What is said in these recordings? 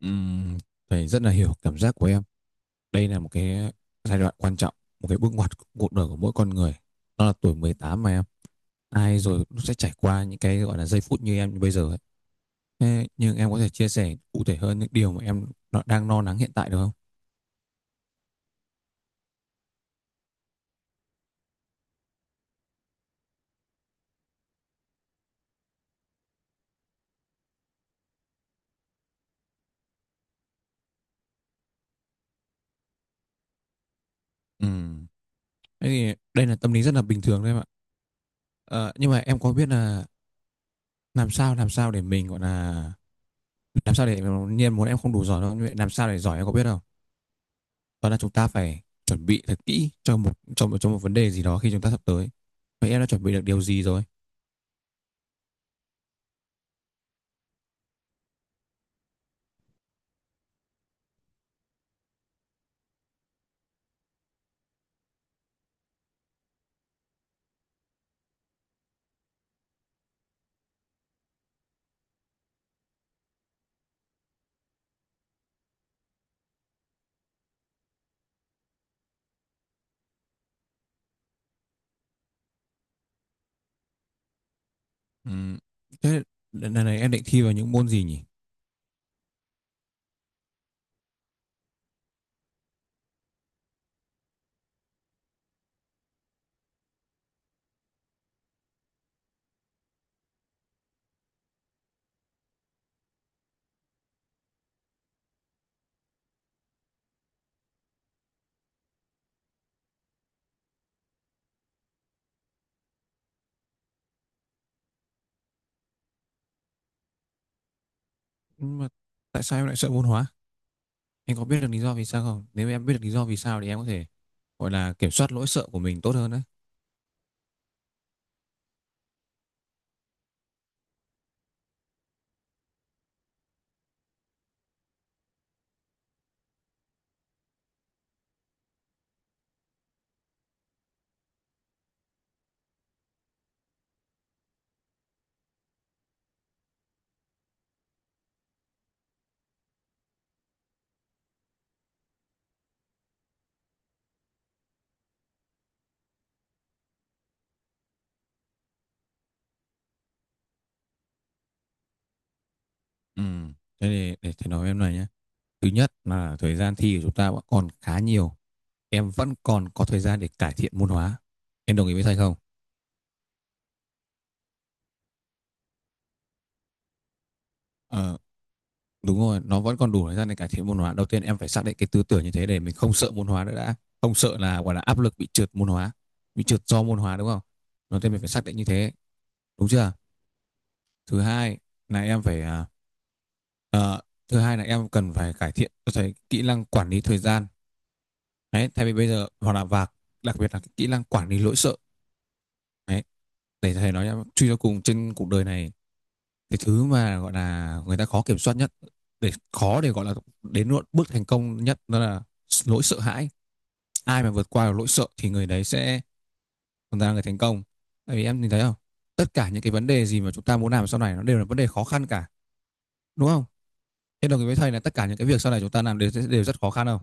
Ừm, Thầy rất là hiểu cảm giác của em. Đây là một cái giai đoạn quan trọng, một cái bước ngoặt của cuộc đời của mỗi con người. Đó là tuổi 18 mà em. Ai rồi cũng sẽ trải qua những cái gọi là giây phút như em như bây giờ ấy. Thế nhưng em có thể chia sẻ cụ thể hơn những điều mà đang lo lắng hiện tại được không? Ừm, Thế thì đây là tâm lý rất là bình thường đấy em ạ. Ờ, nhưng mà em có biết là làm sao để mình gọi là làm sao để nhiên muốn em không đủ giỏi đâu, nhưng mà làm sao để giỏi em có biết không? Đó là chúng ta phải chuẩn bị thật kỹ cho một vấn đề gì đó khi chúng ta sắp tới. Vậy em đã chuẩn bị được điều gì rồi? Ừ, thế lần này em định thi vào những môn gì nhỉ? Mà tại sao em lại sợ môn hóa? Em có biết được lý do vì sao không? Nếu em biết được lý do vì sao thì em có thể gọi là kiểm soát lỗi sợ của mình tốt hơn đấy. Ừ, thế thì để thầy nói với em này nhé. Thứ nhất là thời gian thi của chúng ta vẫn còn khá nhiều, em vẫn còn có thời gian để cải thiện môn hóa. Em đồng ý với thầy không? Ờ, đúng rồi, nó vẫn còn đủ thời gian để cải thiện môn hóa. Đầu tiên em phải xác định cái tư tưởng như thế để mình không sợ môn hóa nữa đã. Không sợ là gọi là áp lực bị trượt môn hóa, bị trượt do môn hóa đúng không? Đầu tiên mình phải xác định như thế, đúng chưa? Thứ hai là ờ, thứ hai là em cần phải cải thiện tôi thấy kỹ năng quản lý thời gian. Đấy, thay vì bây giờ hoặc là và đặc biệt là cái kỹ năng quản lý nỗi sợ. Đấy, để thầy nói em truy cho cùng trên cuộc đời này, cái thứ mà gọi là người ta khó kiểm soát nhất để khó để gọi là đến bước thành công nhất đó là nỗi sợ hãi. Ai mà vượt qua được nỗi sợ thì người đấy sẽ chúng ta là người thành công. Tại vì em nhìn thấy không, tất cả những cái vấn đề gì mà chúng ta muốn làm sau này nó đều là vấn đề khó khăn cả, đúng không? Thế đồng ý với thầy là tất cả những cái việc sau này chúng ta làm đều đều rất khó khăn không?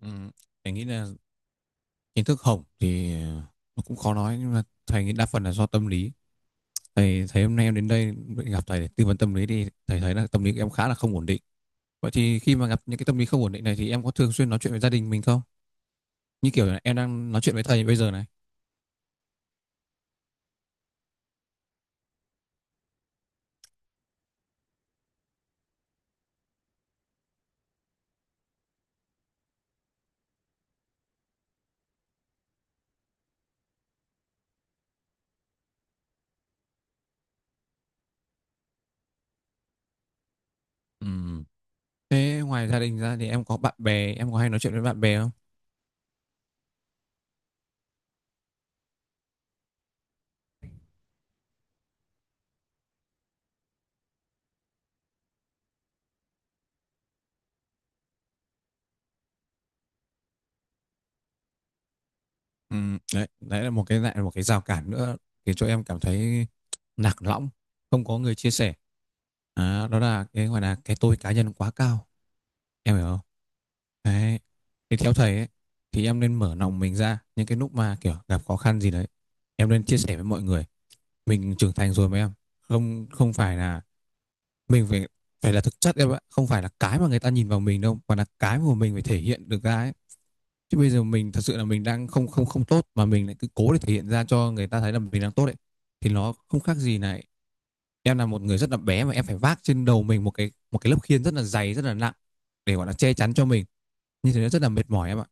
Ừ, thầy nghĩ là kiến thức hổng thì nó cũng khó nói nhưng mà thầy nghĩ đa phần là do tâm lý. Thầy thấy hôm nay em đến đây gặp thầy để tư vấn tâm lý thì thầy thấy là tâm lý của em khá là không ổn định. Vậy thì khi mà gặp những cái tâm lý không ổn định này thì em có thường xuyên nói chuyện với gia đình mình không, như kiểu là em đang nói chuyện với thầy bây giờ này? Ừm, Thế ngoài gia đình ra thì em có bạn bè, em có hay nói chuyện với bạn bè không? Đấy, đấy là một cái rào cản nữa khiến cho em cảm thấy lạc lõng, không có người chia sẻ. À, đó là cái gọi là cái tôi cá nhân quá cao, em hiểu không? Đấy. Thì theo thầy ấy, thì em nên mở lòng mình ra những cái lúc mà kiểu gặp khó khăn gì đấy, em nên chia sẻ với mọi người. Mình trưởng thành rồi mà em, không không phải là mình phải phải là thực chất em ạ, không phải là cái mà người ta nhìn vào mình đâu, mà là cái mà mình phải thể hiện được ra ấy. Chứ bây giờ mình thật sự là mình đang không không không tốt mà mình lại cứ cố để thể hiện ra cho người ta thấy là mình đang tốt ấy thì nó không khác gì này, em là một người rất là bé mà em phải vác trên đầu mình một cái lớp khiên rất là dày rất là nặng để gọi là che chắn cho mình, như thế nó rất là mệt mỏi em ạ.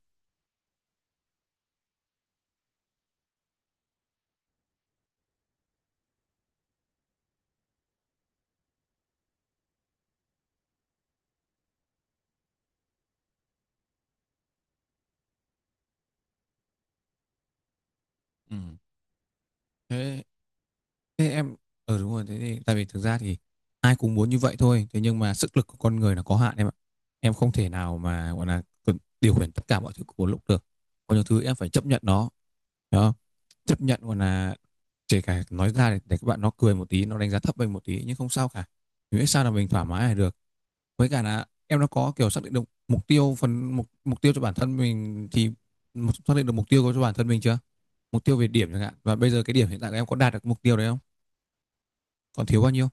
Ừ. thế, thế em ờ ừ Đúng rồi, thế thì tại vì thực ra thì ai cũng muốn như vậy thôi, thế nhưng mà sức lực của con người là có hạn em ạ. Em không thể nào mà gọi là điều khiển tất cả mọi thứ của một lúc được, có những thứ em phải chấp nhận nó. Đó, chấp nhận còn là kể cả nói ra để các bạn nó cười một tí nó đánh giá thấp mình một tí nhưng không sao cả, mình biết sao là mình thoải mái là được. Với cả là em nó có kiểu xác định được mục tiêu mục tiêu cho bản thân mình thì xác định được mục tiêu cho bản thân mình chưa? Mục tiêu về điểm chẳng hạn, và bây giờ cái điểm hiện tại của em có đạt được mục tiêu đấy không, còn thiếu bao nhiêu?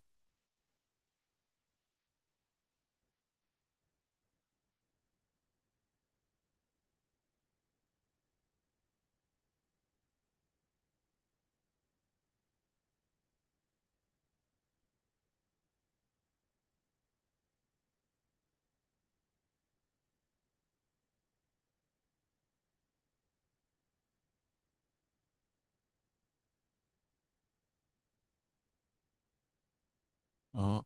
Đó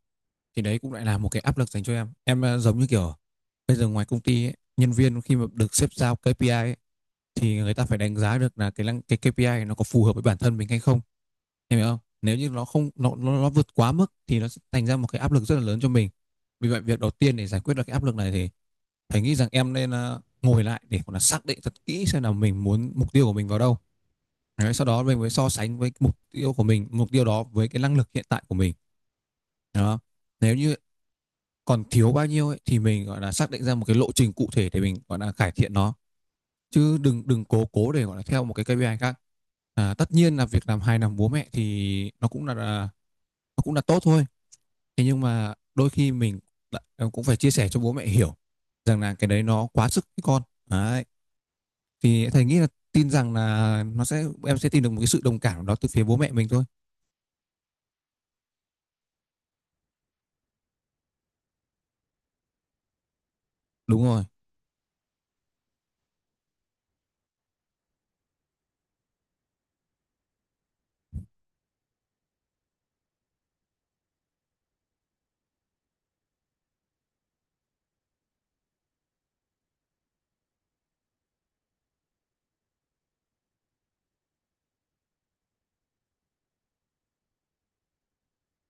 thì đấy cũng lại là một cái áp lực dành cho em, giống như kiểu bây giờ ngoài công ty ấy, nhân viên khi mà được sếp giao KPI ấy, thì người ta phải đánh giá được là cái KPI nó có phù hợp với bản thân mình hay không. Em hiểu không, nếu như nó không nó, nó vượt quá mức thì nó sẽ thành ra một cái áp lực rất là lớn cho mình. Vì vậy việc đầu tiên để giải quyết được cái áp lực này thì thầy nghĩ rằng em nên ngồi lại để gọi là xác định thật kỹ xem là mình muốn mục tiêu của mình vào đâu. Đấy, sau đó mình mới so sánh với mục tiêu của mình mục tiêu đó với cái năng lực hiện tại của mình. Đó, nếu như còn thiếu bao nhiêu ấy, thì mình gọi là xác định ra một cái lộ trình cụ thể để mình gọi là cải thiện nó, chứ đừng đừng cố cố để gọi là theo một cái KPI khác. À, tất nhiên là việc làm hài lòng bố mẹ thì nó cũng là tốt thôi. Thế nhưng mà đôi khi mình cũng phải chia sẻ cho bố mẹ hiểu rằng là cái đấy nó quá sức với con. Đấy. Thì thầy nghĩ là tin rằng là nó sẽ em sẽ tìm được một cái sự đồng cảm đó từ phía bố mẹ mình thôi. Đúng rồi.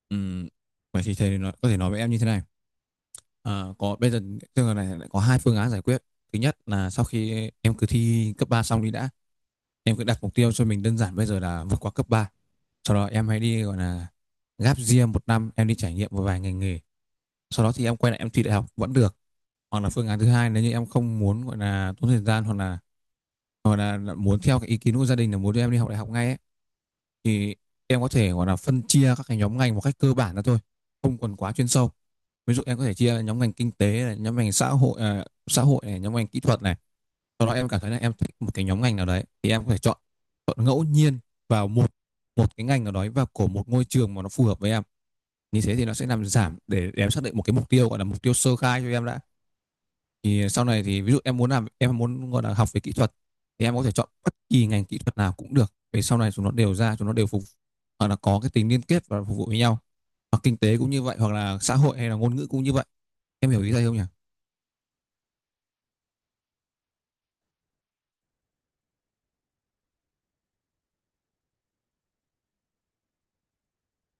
Ừm, Vậy thì thầy nói, có thể nói với em như thế này. Ờ, có Bây giờ trường hợp này lại có 2 phương án giải quyết. Thứ nhất là sau khi em cứ thi cấp 3 xong đi đã, em cứ đặt mục tiêu cho mình đơn giản bây giờ là vượt qua cấp ba. Sau đó em hãy đi gọi là gap year 1 năm, em đi trải nghiệm một vài ngành nghề, sau đó thì em quay lại em thi đại học vẫn được. Hoặc là phương án thứ hai, nếu như em không muốn gọi là tốn thời gian hoặc là muốn theo cái ý kiến của gia đình là muốn đưa em đi học đại học ngay ấy, thì em có thể gọi là phân chia các cái nhóm ngành một cách cơ bản ra thôi, không còn quá chuyên sâu. Ví dụ em có thể chia nhóm ngành kinh tế này, nhóm ngành xã hội này, nhóm ngành kỹ thuật này. Sau đó em cảm thấy là em thích một cái nhóm ngành nào đấy thì em có thể chọn chọn ngẫu nhiên vào một một cái ngành nào đó của một ngôi trường mà nó phù hợp với em. Như thế thì nó sẽ làm giảm để em xác định một cái mục tiêu, gọi là mục tiêu sơ khai cho em đã. Thì sau này thì ví dụ em muốn làm em muốn gọi là học về kỹ thuật thì em có thể chọn bất kỳ ngành kỹ thuật nào cũng được, vì sau này chúng nó đều phục hoặc là có cái tính liên kết và phục vụ với nhau. Hoặc kinh tế cũng như vậy, hoặc là xã hội hay là ngôn ngữ cũng như vậy. Em hiểu ý thầy không nhỉ?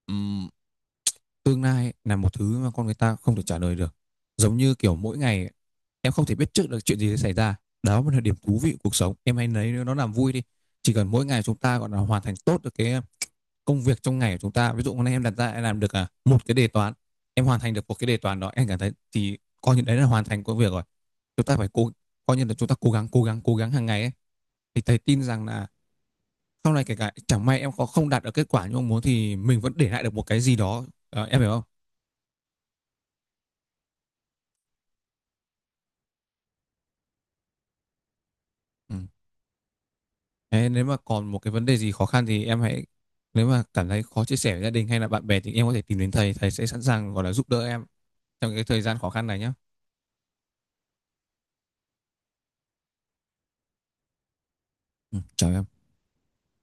Ừm, Tương lai là một thứ mà con người ta không thể trả lời được, giống như kiểu mỗi ngày em không thể biết trước được chuyện gì sẽ xảy ra. Đó mới là điểm thú vị của cuộc sống, em hãy lấy nó làm vui đi. Chỉ cần mỗi ngày chúng ta gọi là hoàn thành tốt được cái công việc trong ngày của chúng ta, ví dụ hôm nay em đặt ra em làm được một cái đề toán, em hoàn thành được một cái đề toán đó em cảm thấy thì coi như đấy là hoàn thành công việc rồi. Chúng ta phải cố, coi như là chúng ta cố gắng cố gắng hàng ngày ấy. Thì thầy tin rằng là sau này kể cả chẳng may em có không đạt được kết quả như mong muốn thì mình vẫn để lại được một cái gì đó. Ờ, em hiểu không? Ừ. Ê, nếu mà còn một cái vấn đề gì khó khăn thì em hãy nếu mà cảm thấy khó chia sẻ với gia đình hay là bạn bè thì em có thể tìm đến thầy, thầy sẽ sẵn sàng gọi là giúp đỡ em trong cái thời gian khó khăn này nhé. Ừ, chào em.